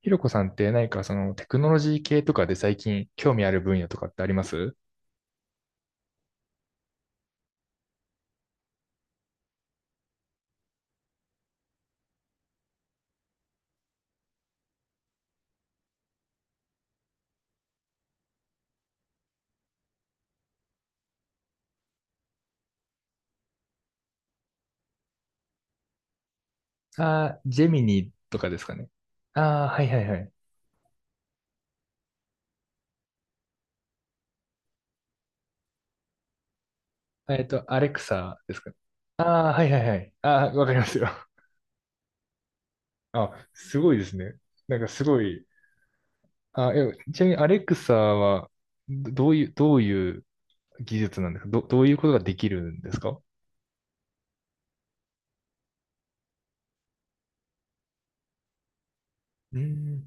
ひろこさんって何かそのテクノロジー系とかで最近興味ある分野とかってあります？ああー、ジェミニとかですかね。ああ、はいはいはい。えっと、アレクサですかね。ああ、はいはいはい。ああ、わかりますよ。あ、すごいですね。なんかすごい。あ、え、ちなみにアレクサはどういう、どういう技術なんですか？どういうことができるんですか？うん。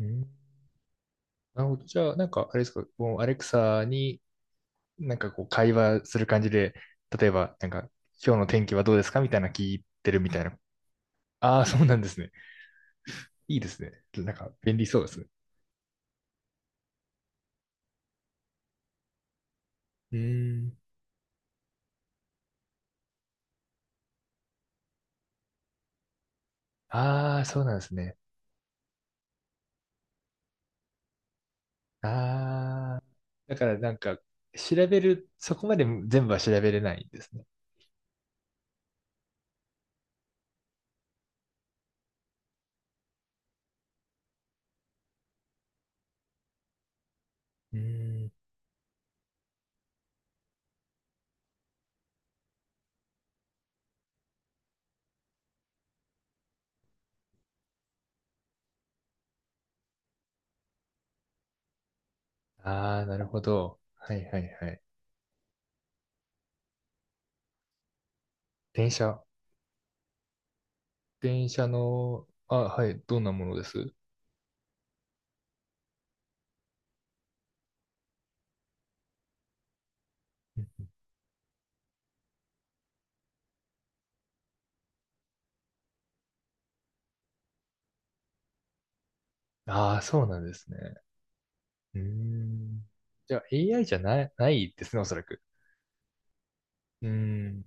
うん。なるほど。じゃあ、なんか、あれですか、もうアレクサになんかこう会話する感じで、例えばなんか今日の天気はどうですかみたいな聞いてるみたいな。ああ、そうなんですね。いいですね。なんか便利そうですね。うーん。ああ、そうなんですね。ああ、だからなんか調べる、そこまで全部は調べれないんですね。うーん。ああ、なるほど。はいはいはい。電車。電車の、あ、はい、どんなものです？ああー、そうなんですね。うーん。じゃあ AI じゃない、ないですね、おそらく。うん。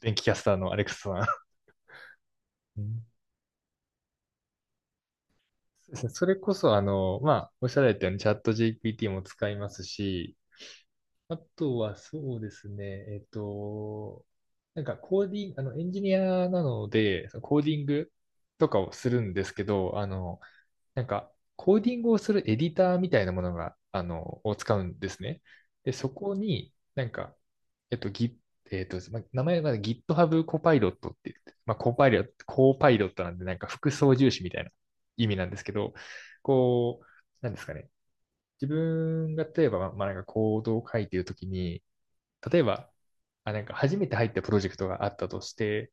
電気キャスターのアレクサさん。うん。そうですね。それこそ、まあ、おっしゃられたようにチャット GPT も使いますし、あとはそうですね、えっと、なんかコーディング、エンジニアなので、そのコーディングとかをするんですけど、なんか、コーディングをするエディターみたいなものが、を使うんですね。で、そこに、なんか、えっと、ギえっと、ま名前が GitHub コパイロットって言って、まあ、コパイロット、コーパイロットなんで、なんか副操縦士みたいな意味なんですけど、こう、なんですかね。自分が例えば、まあ、なんかコードを書いているときに、例えば、あ、なんか初めて入ったプロジェクトがあったとして、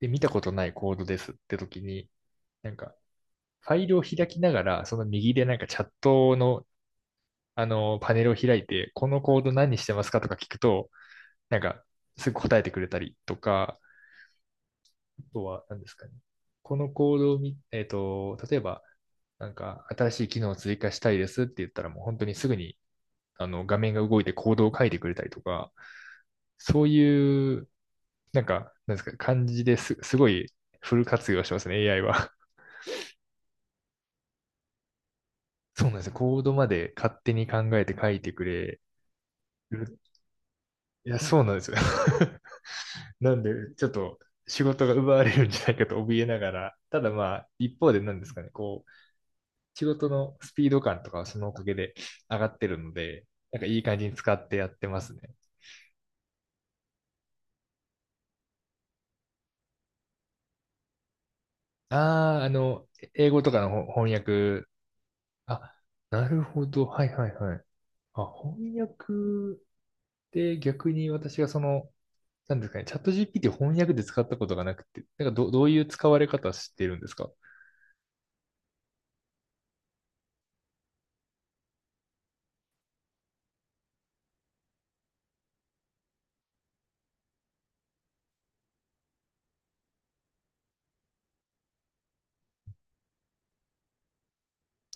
で、見たことないコードですってときに、なんか、ファイルを開きながら、その右でなんかチャットの、パネルを開いて、このコード何してますかとか聞くと、なんか、すぐ答えてくれたりとか、とは何ですかね。このコードを見、えっと、例えば、なんか、新しい機能を追加したいですって言ったら、もう本当にすぐに、画面が動いてコードを書いてくれたりとか、そういう、なんか、なんですか、感じです、すごいフル活用してますね、AI は。そうなんですよ。コードまで勝手に考えて書いてくれる。いや、そうなんですよ。なんで、ちょっと仕事が奪われるんじゃないかと怯えながら、ただまあ、一方で何ですかね、こう、仕事のスピード感とかはそのおかげで上がってるので、なんかいい感じに使ってやってますね。ああ、英語とかのほ翻訳。あ、なるほど。はいはいはい。あ、翻訳で逆に私がそのなんですかね、チャット GPT 翻訳で使ったことがなくて、なんかど、どういう使われ方してるんですか？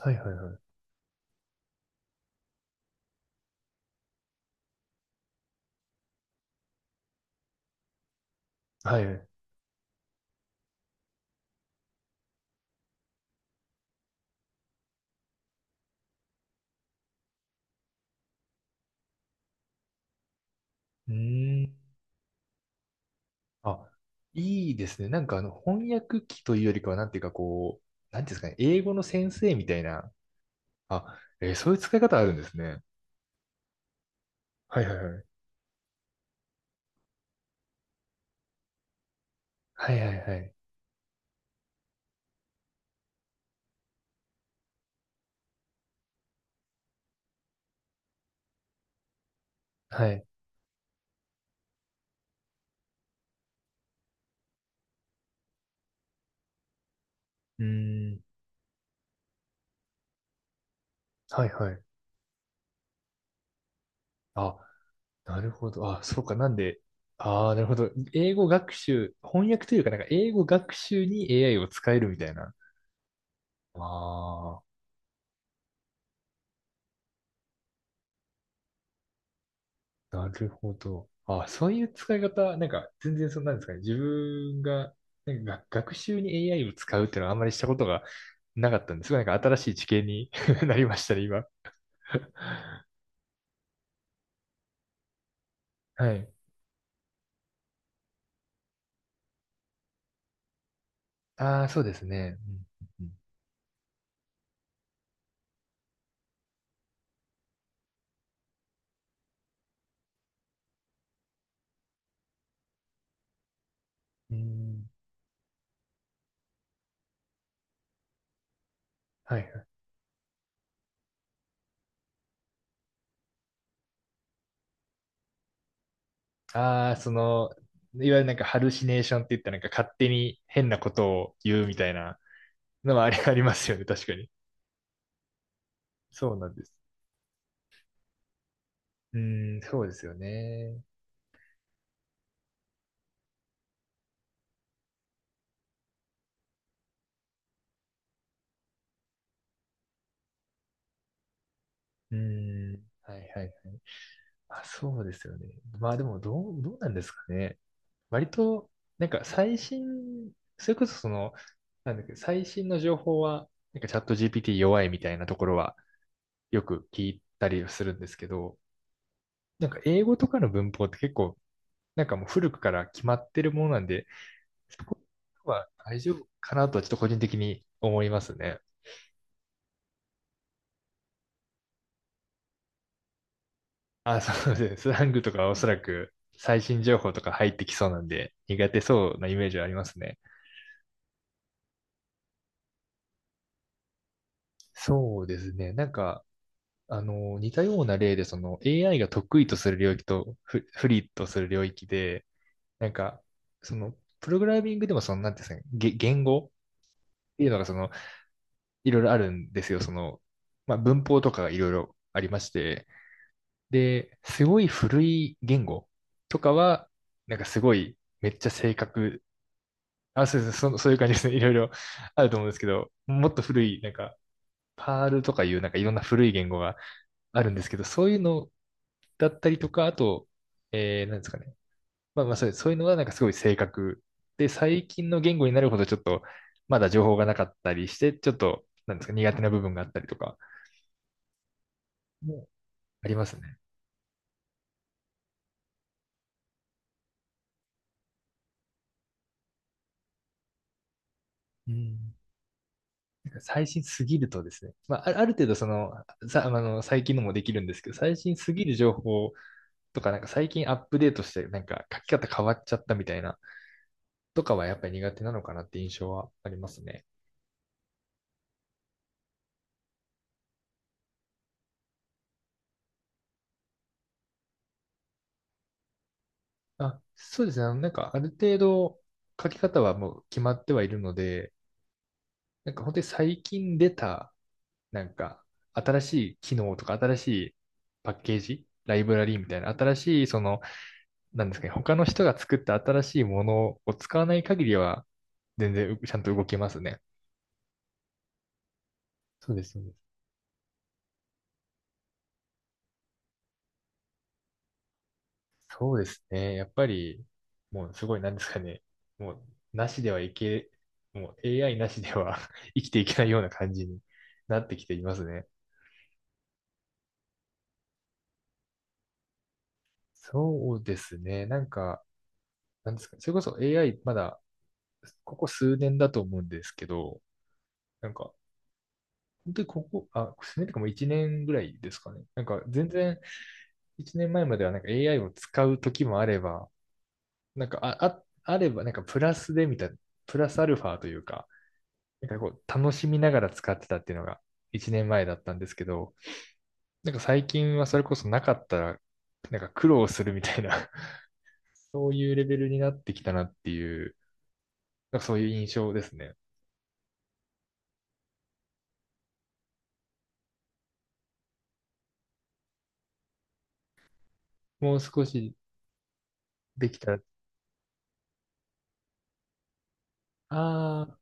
はいはいはい。はい。うーん。あ、いいですね。なんかあの、翻訳機というよりかは、なんていうかこう、なんていうんですかね、英語の先生みたいな。あ、えーそういう使い方あるんですね。はいはいはい。はいはいはい。はい。うーん。はいはい。あ、なるほど。あ、そうか。なんで、ああ、なるほど。英語学習、翻訳というか、なんか英語学習に AI を使えるみたいな。ああ、なるほど。あ、そういう使い方、なんか全然そんなんですかね。自分が、なんか学学習に AI を使うっていうのはあんまりしたことがなかったんですが、なんか新しい知見に なりましたね、今。はい。ああ、そうですね。うん、うん、うん。うん。はい。ああ、その、いわゆるなんかハルシネーションって言ったなんか勝手に変なことを言うみたいなのはあり、ありますよね、確かに。そうなんです。うーん、そうですよね。うーん、はいはいはい。あ、そうですよね。まあでも、どう、どうなんですかね。割と、なんか最新、それこそその、なんだっけ、最新の情報は、なんかチャット GPT 弱いみたいなところはよく聞いたりするんですけど、なんか英語とかの文法って結構なんかもう古くから決まってるものなんで、そこは大丈夫かなとはちょっと個人的に思いますね。あ、そうですね。スラングとかはおそらく最新情報とか入ってきそうなんで、苦手そうなイメージはありますね。そうですね。なんか、似たような例で、その AI が得意とする領域とフ、不利とする領域で、なんか、その、プログラミングでもその、なんていうんですかね、げ言語っていうのがその、いろいろあるんですよ。その、まあ、文法とかがいろいろありまして、で、すごい古い言語とかは、なんかすごいめっちゃ正確、あ、そうです、そ、そういう感じですね。いろいろあると思うんですけど、もっと古い、なんか、パールとかいう、なんかいろんな古い言語があるんですけど、そういうのだったりとか、あと、えー、なんですかね。まあまあそうです、そういうのはなんかすごい正確で、最近の言語になるほどちょっと、まだ情報がなかったりして、ちょっと、なんですか、苦手な部分があったりとかもありますね。うん。最新すぎるとですね、まあ、ある程度その、さ、最近のもできるんですけど、最新すぎる情報とか、なんか最近アップデートして、なんか書き方変わっちゃったみたいな、とかはやっぱり苦手なのかなって印象はありますね。あ、そうですね。なんかある程度書き方はもう決まってはいるので、なんか本当に最近出た、なんか新しい機能とか新しいパッケージ、ライブラリーみたいな、新しいそのなんですかね、他の人が作った新しいものを使わない限りは、全然うちゃんと動けますね。そうです、ね。そうですね。やっぱり、もうすごい、なんですかね、もう、なしではいけ、もう AI なしでは 生きていけないような感じに なってきていますね。そうですね。なんか、なんですかね、それこそ AI、まだ、ここ数年だと思うんですけど、なんか、本当にここ、あ、数年とかもう1年ぐらいですかね。なんか、全然、1年前まえまではなんか AI を使う時もあれば、なんかあ、あ、あればなんかプラスでみたいな、プラスアルファというか、なんかこう楽しみながら使ってたっていうのが1年前だったんですけど、なんか最近はそれこそなかったら、なんか苦労するみたいな そういうレベルになってきたなっていう、なんかそういう印象ですね。もう少しできたら、ああ、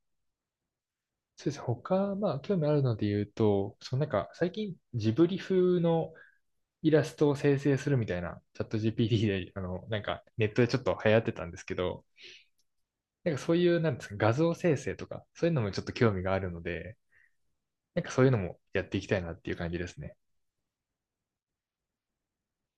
そうです。他、まあ、興味あるので言うと、そのなんか、最近、ジブリ風のイラストを生成するみたいな、チャット GPT で、なんかネットでちょっと流行ってたんですけど、なんかそういう、なんですか、画像生成とか、そういうのもちょっと興味があるので、なんかそういうのもやっていきたいなっていう感じですね。